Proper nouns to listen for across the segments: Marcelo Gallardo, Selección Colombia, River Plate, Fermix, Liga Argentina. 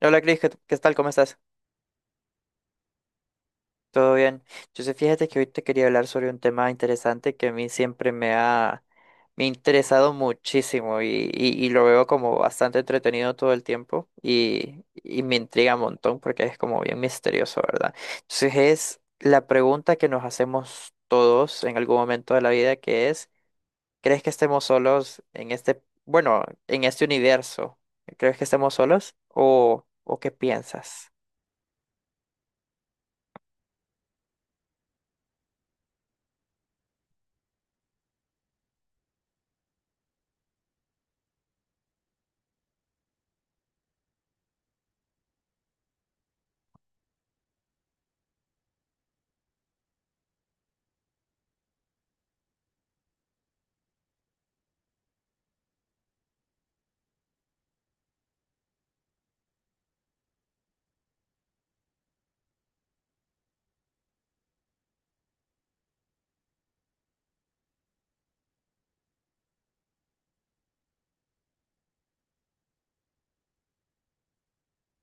Hola Cris, ¿qué tal? ¿Cómo estás? ¿Todo bien? Yo sé, fíjate que hoy te quería hablar sobre un tema interesante que a mí siempre me ha interesado muchísimo y lo veo como bastante entretenido todo el tiempo y me intriga un montón porque es como bien misterioso, ¿verdad? Entonces es la pregunta que nos hacemos todos en algún momento de la vida que es, ¿crees que estemos solos en este universo? ¿Crees que estemos solos o qué piensas?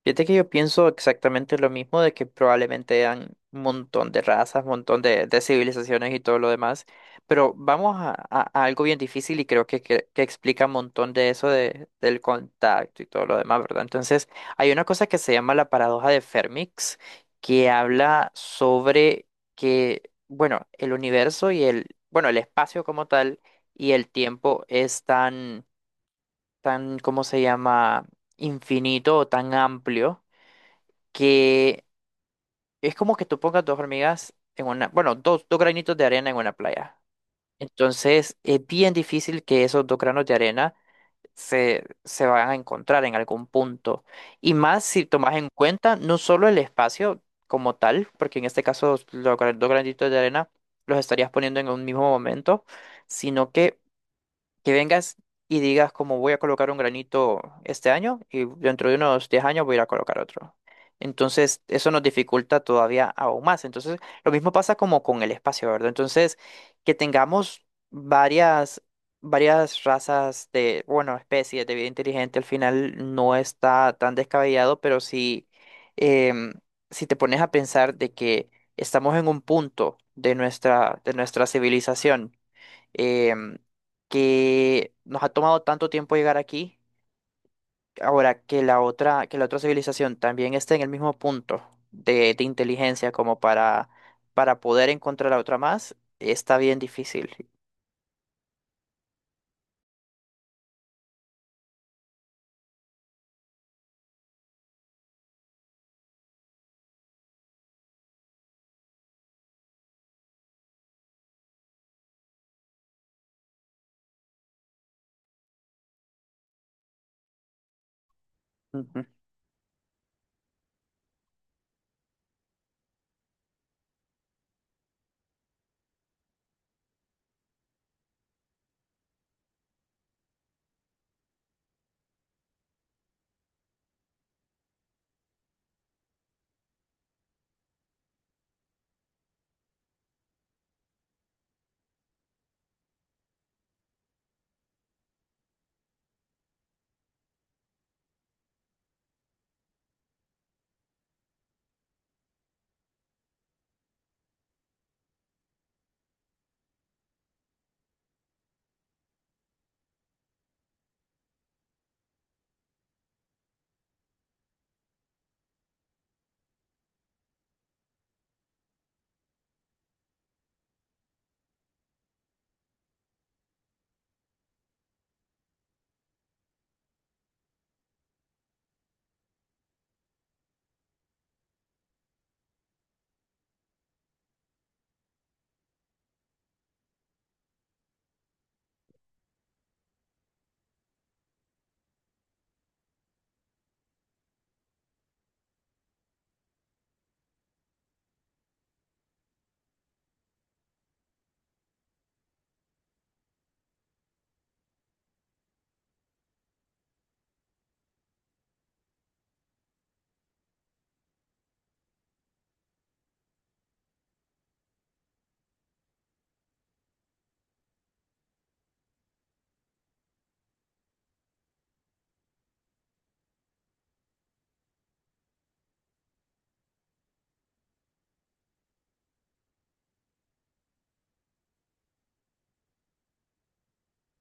Fíjate que yo pienso exactamente lo mismo de que probablemente eran un montón de razas, un montón de civilizaciones y todo lo demás, pero vamos a algo bien difícil y creo que explica un montón de eso del contacto y todo lo demás, ¿verdad? Entonces, hay una cosa que se llama la paradoja de Fermix, que habla sobre que, bueno, el universo y el espacio como tal y el tiempo es tan, ¿cómo se llama? Infinito o tan amplio que es como que tú pongas dos hormigas en dos granitos de arena en una playa. Entonces, es bien difícil que esos dos granos de arena se van a encontrar en algún punto. Y más si tomas en cuenta no solo el espacio como tal, porque en este caso dos granitos de arena los estarías poniendo en un mismo momento, sino que vengas y digas como voy a colocar un granito este año y dentro de unos 10 años voy a ir a colocar otro. Entonces, eso nos dificulta todavía aún más. Entonces, lo mismo pasa como con el espacio, ¿verdad? Entonces, que tengamos varias, varias razas de, bueno, especies de vida inteligente al final no está tan descabellado, pero sí, em, si te pones a pensar de que estamos en un punto de nuestra, civilización em, que nos ha tomado tanto tiempo llegar aquí, ahora que la otra civilización también esté en el mismo punto de inteligencia como para poder encontrar a otra más, está bien difícil. Ujú.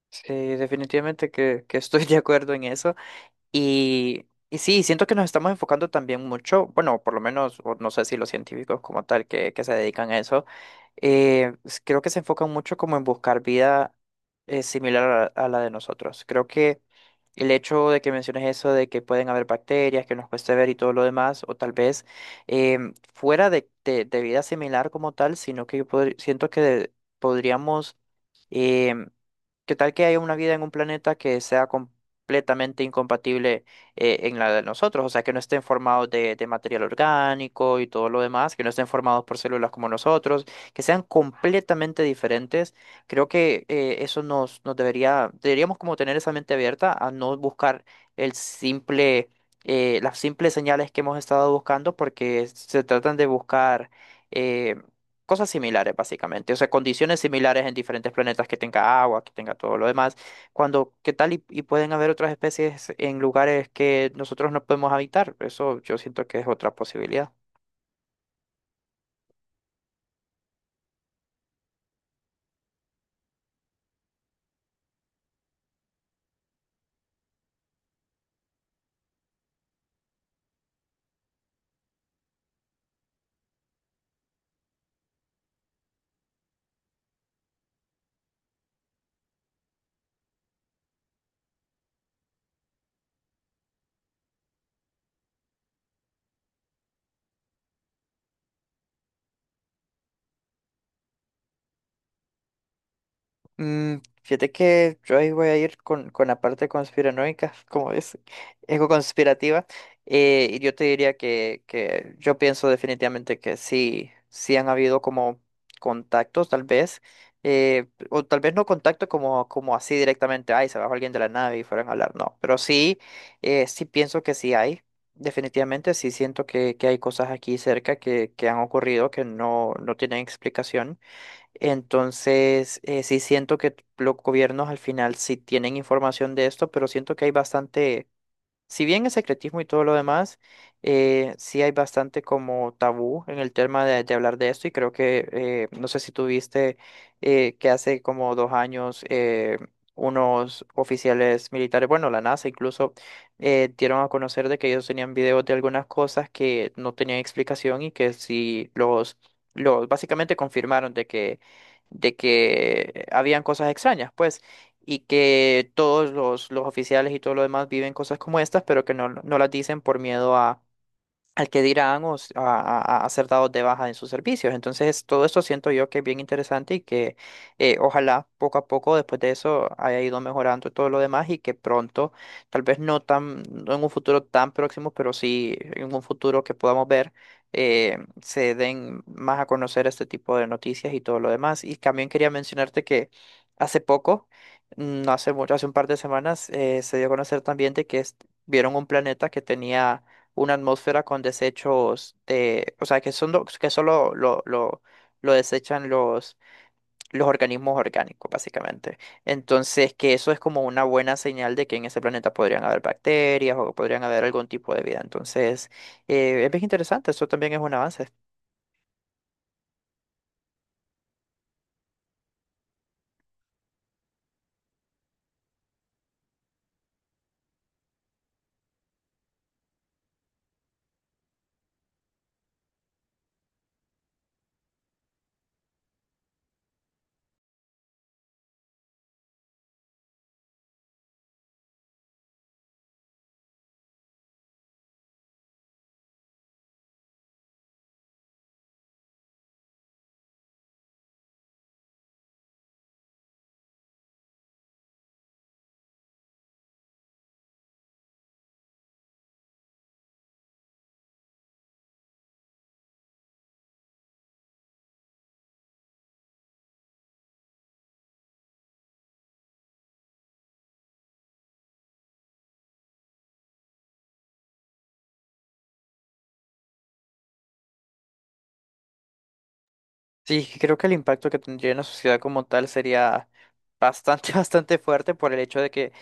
Sí, definitivamente que estoy de acuerdo en eso. Y sí, siento que nos estamos enfocando también mucho, bueno, por lo menos, o no sé si los científicos como tal que se dedican a eso, creo que se enfocan mucho como en buscar vida similar a la de nosotros. Creo que el hecho de que menciones eso de que pueden haber bacterias, que nos cueste ver y todo lo demás, o tal vez fuera de, de vida similar como tal, sino que siento que podríamos. em, ¿Qué tal que haya una vida en un planeta que sea completamente incompatible en la de nosotros? O sea, que no estén formados de, material orgánico y todo lo demás, que no estén formados por células como nosotros, que sean completamente diferentes. Creo que eso nos deberíamos como tener esa mente abierta a no buscar el simple, las simples señales que hemos estado buscando, porque se tratan de buscar eh, cosas similares, básicamente. O sea, condiciones similares en diferentes planetas que tenga agua, que tenga todo lo demás. Cuando, ¿qué tal? Y pueden haber otras especies en lugares que nosotros no podemos habitar. Eso yo siento que es otra posibilidad. Mm, fíjate que yo ahí voy a ir con, la parte conspiranoica, como es, ego conspirativa. Y yo te diría que yo pienso definitivamente que sí, sí han habido como contactos, tal vez, o tal vez no contacto como así directamente, ay, se bajó alguien de la nave y fueron a hablar, no, pero sí, sí pienso que sí hay. Definitivamente sí siento que, hay cosas aquí cerca que han ocurrido que no, no tienen explicación. Entonces, sí siento que los gobiernos al final sí tienen información de esto, pero siento que hay bastante si bien el secretismo y todo lo demás, sí hay bastante como tabú en el tema de hablar de esto y creo que, no sé si tuviste que hace como 2 años unos oficiales militares, bueno, la NASA incluso, dieron a conocer de que ellos tenían videos de algunas cosas que no tenían explicación y que sí los, básicamente confirmaron de que habían cosas extrañas, pues y que todos los oficiales y todo lo demás viven cosas como estas, pero que no, no las dicen por miedo al que dirán o a ser dados de baja en sus servicios. Entonces, todo esto siento yo que es bien interesante y que ojalá poco a poco después de eso haya ido mejorando todo lo demás y que pronto, tal vez no en un futuro tan próximo, pero sí en un futuro que podamos ver, se den más a conocer este tipo de noticias y todo lo demás. Y también quería mencionarte que hace poco, no hace mucho, hace un par de semanas, se dio a conocer también de que vieron un planeta que tenía una atmósfera con desechos de, o sea, que son que solo lo desechan los organismos orgánicos, básicamente. Entonces, que eso es como una buena señal de que en ese planeta podrían haber bacterias o podrían haber algún tipo de vida. Entonces, es bien interesante, eso también es un avance. Sí, creo que el impacto que tendría en la sociedad como tal sería bastante, bastante fuerte por el hecho de que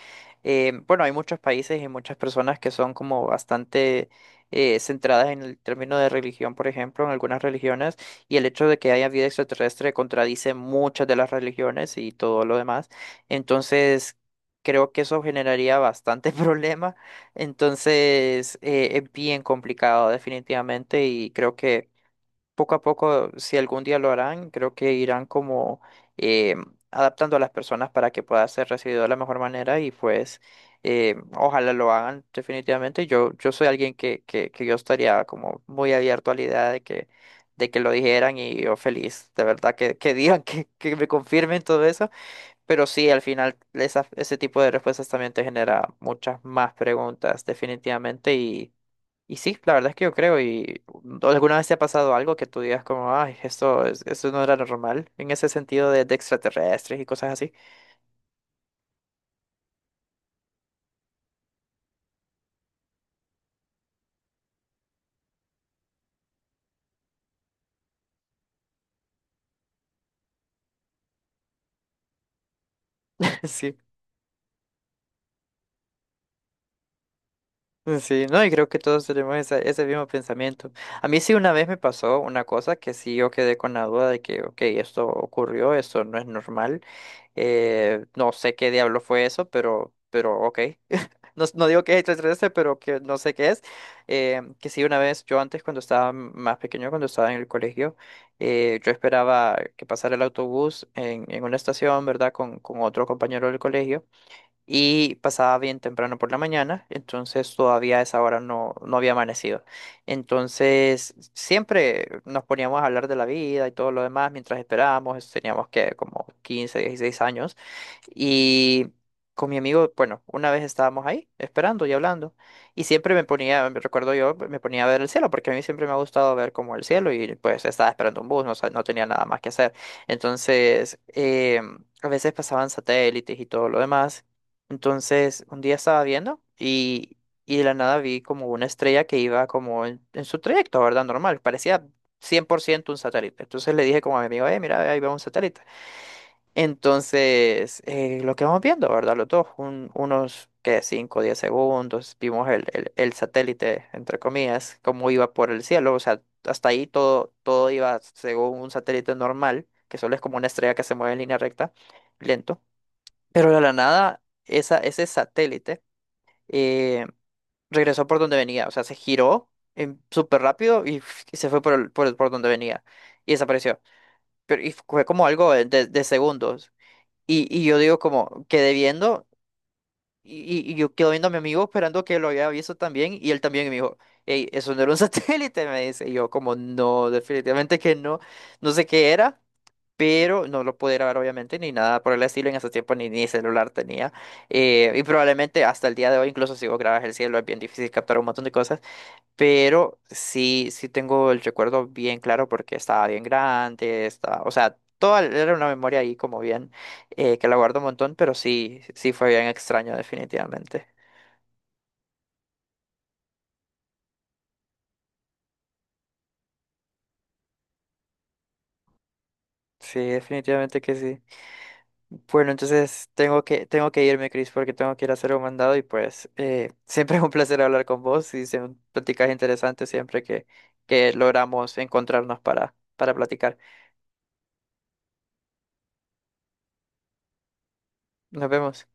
Bueno, hay muchos países y muchas personas que son como bastante centradas en el término de religión, por ejemplo, en algunas religiones, y el hecho de que haya vida extraterrestre contradice muchas de las religiones y todo lo demás. Entonces, creo que eso generaría bastante problema. Entonces, es bien complicado definitivamente y creo que poco a poco, si algún día lo harán, creo que irán como eh, adaptando a las personas para que pueda ser recibido de la mejor manera y pues ojalá lo hagan definitivamente. Yo soy alguien que, yo estaría como muy abierto a la idea de que lo dijeran y yo feliz, de verdad, que, digan, que me confirmen todo eso. Pero sí, al final ese tipo de respuestas también te genera muchas más preguntas definitivamente y sí, la verdad es que yo creo, y alguna vez te ha pasado algo que tú digas como, ay, esto, esto no era normal, en ese sentido de extraterrestres y cosas así. Sí, sí, no, y creo que todos tenemos ese mismo pensamiento. A mí sí una vez me pasó una cosa que sí yo quedé con la duda de que, ok, esto ocurrió, esto no es normal, no sé qué diablo fue eso, pero ok. No, no digo que es extraterrestre, pero que no sé qué es. Que sí, una vez, yo antes cuando estaba más pequeño, cuando estaba en el colegio, yo esperaba que pasara el autobús en, una estación, ¿verdad? con otro compañero del colegio y pasaba bien temprano por la mañana, entonces todavía a esa hora no, no había amanecido. Entonces siempre nos poníamos a hablar de la vida y todo lo demás mientras esperábamos, teníamos que como 15 16 años y con mi amigo, bueno, una vez estábamos ahí esperando y hablando y siempre me ponía, me recuerdo yo, me ponía a ver el cielo porque a mí siempre me ha gustado ver como el cielo y pues estaba esperando un bus, no, sa- no tenía nada más que hacer. Entonces, a veces pasaban satélites y todo lo demás, entonces, un día estaba viendo y de la nada vi como una estrella que iba como en, su trayecto, ¿verdad? Normal, parecía 100% un satélite. Entonces le dije como a mi amigo, mira, ahí va un satélite. Entonces, lo que vamos viendo, ¿verdad? Los dos, unos, que 5 10 segundos, vimos el satélite, entre comillas, cómo iba por el cielo. O sea, hasta ahí todo, todo iba según un satélite normal, que solo es como una estrella que se mueve en línea recta, lento. Pero de la nada, ese satélite eh, regresó por donde venía, o sea, se giró súper rápido y, y se fue por donde venía y desapareció. Pero y fue como algo de, de segundos. Y yo digo como, quedé viendo y, y yo quedo viendo a mi amigo esperando que lo haya visto también y él también y me dijo, hey, eso no era un satélite, me dice. Y yo como, no, definitivamente que no, no sé qué era pero no lo pude grabar obviamente ni nada por el estilo, en ese tiempo ni, celular tenía y probablemente hasta el día de hoy incluso si vos grabas el cielo es bien difícil captar un montón de cosas, pero sí, sí tengo el recuerdo bien claro porque estaba bien grande, estaba, o sea, toda era una memoria ahí como bien que la guardo un montón, pero sí, sí fue bien extraño definitivamente. Sí, definitivamente que sí. Bueno, entonces tengo que, irme, Chris, porque tengo que ir a hacer un mandado y pues siempre es un placer hablar con vos y son pláticas interesantes siempre que, logramos encontrarnos para platicar. Nos vemos.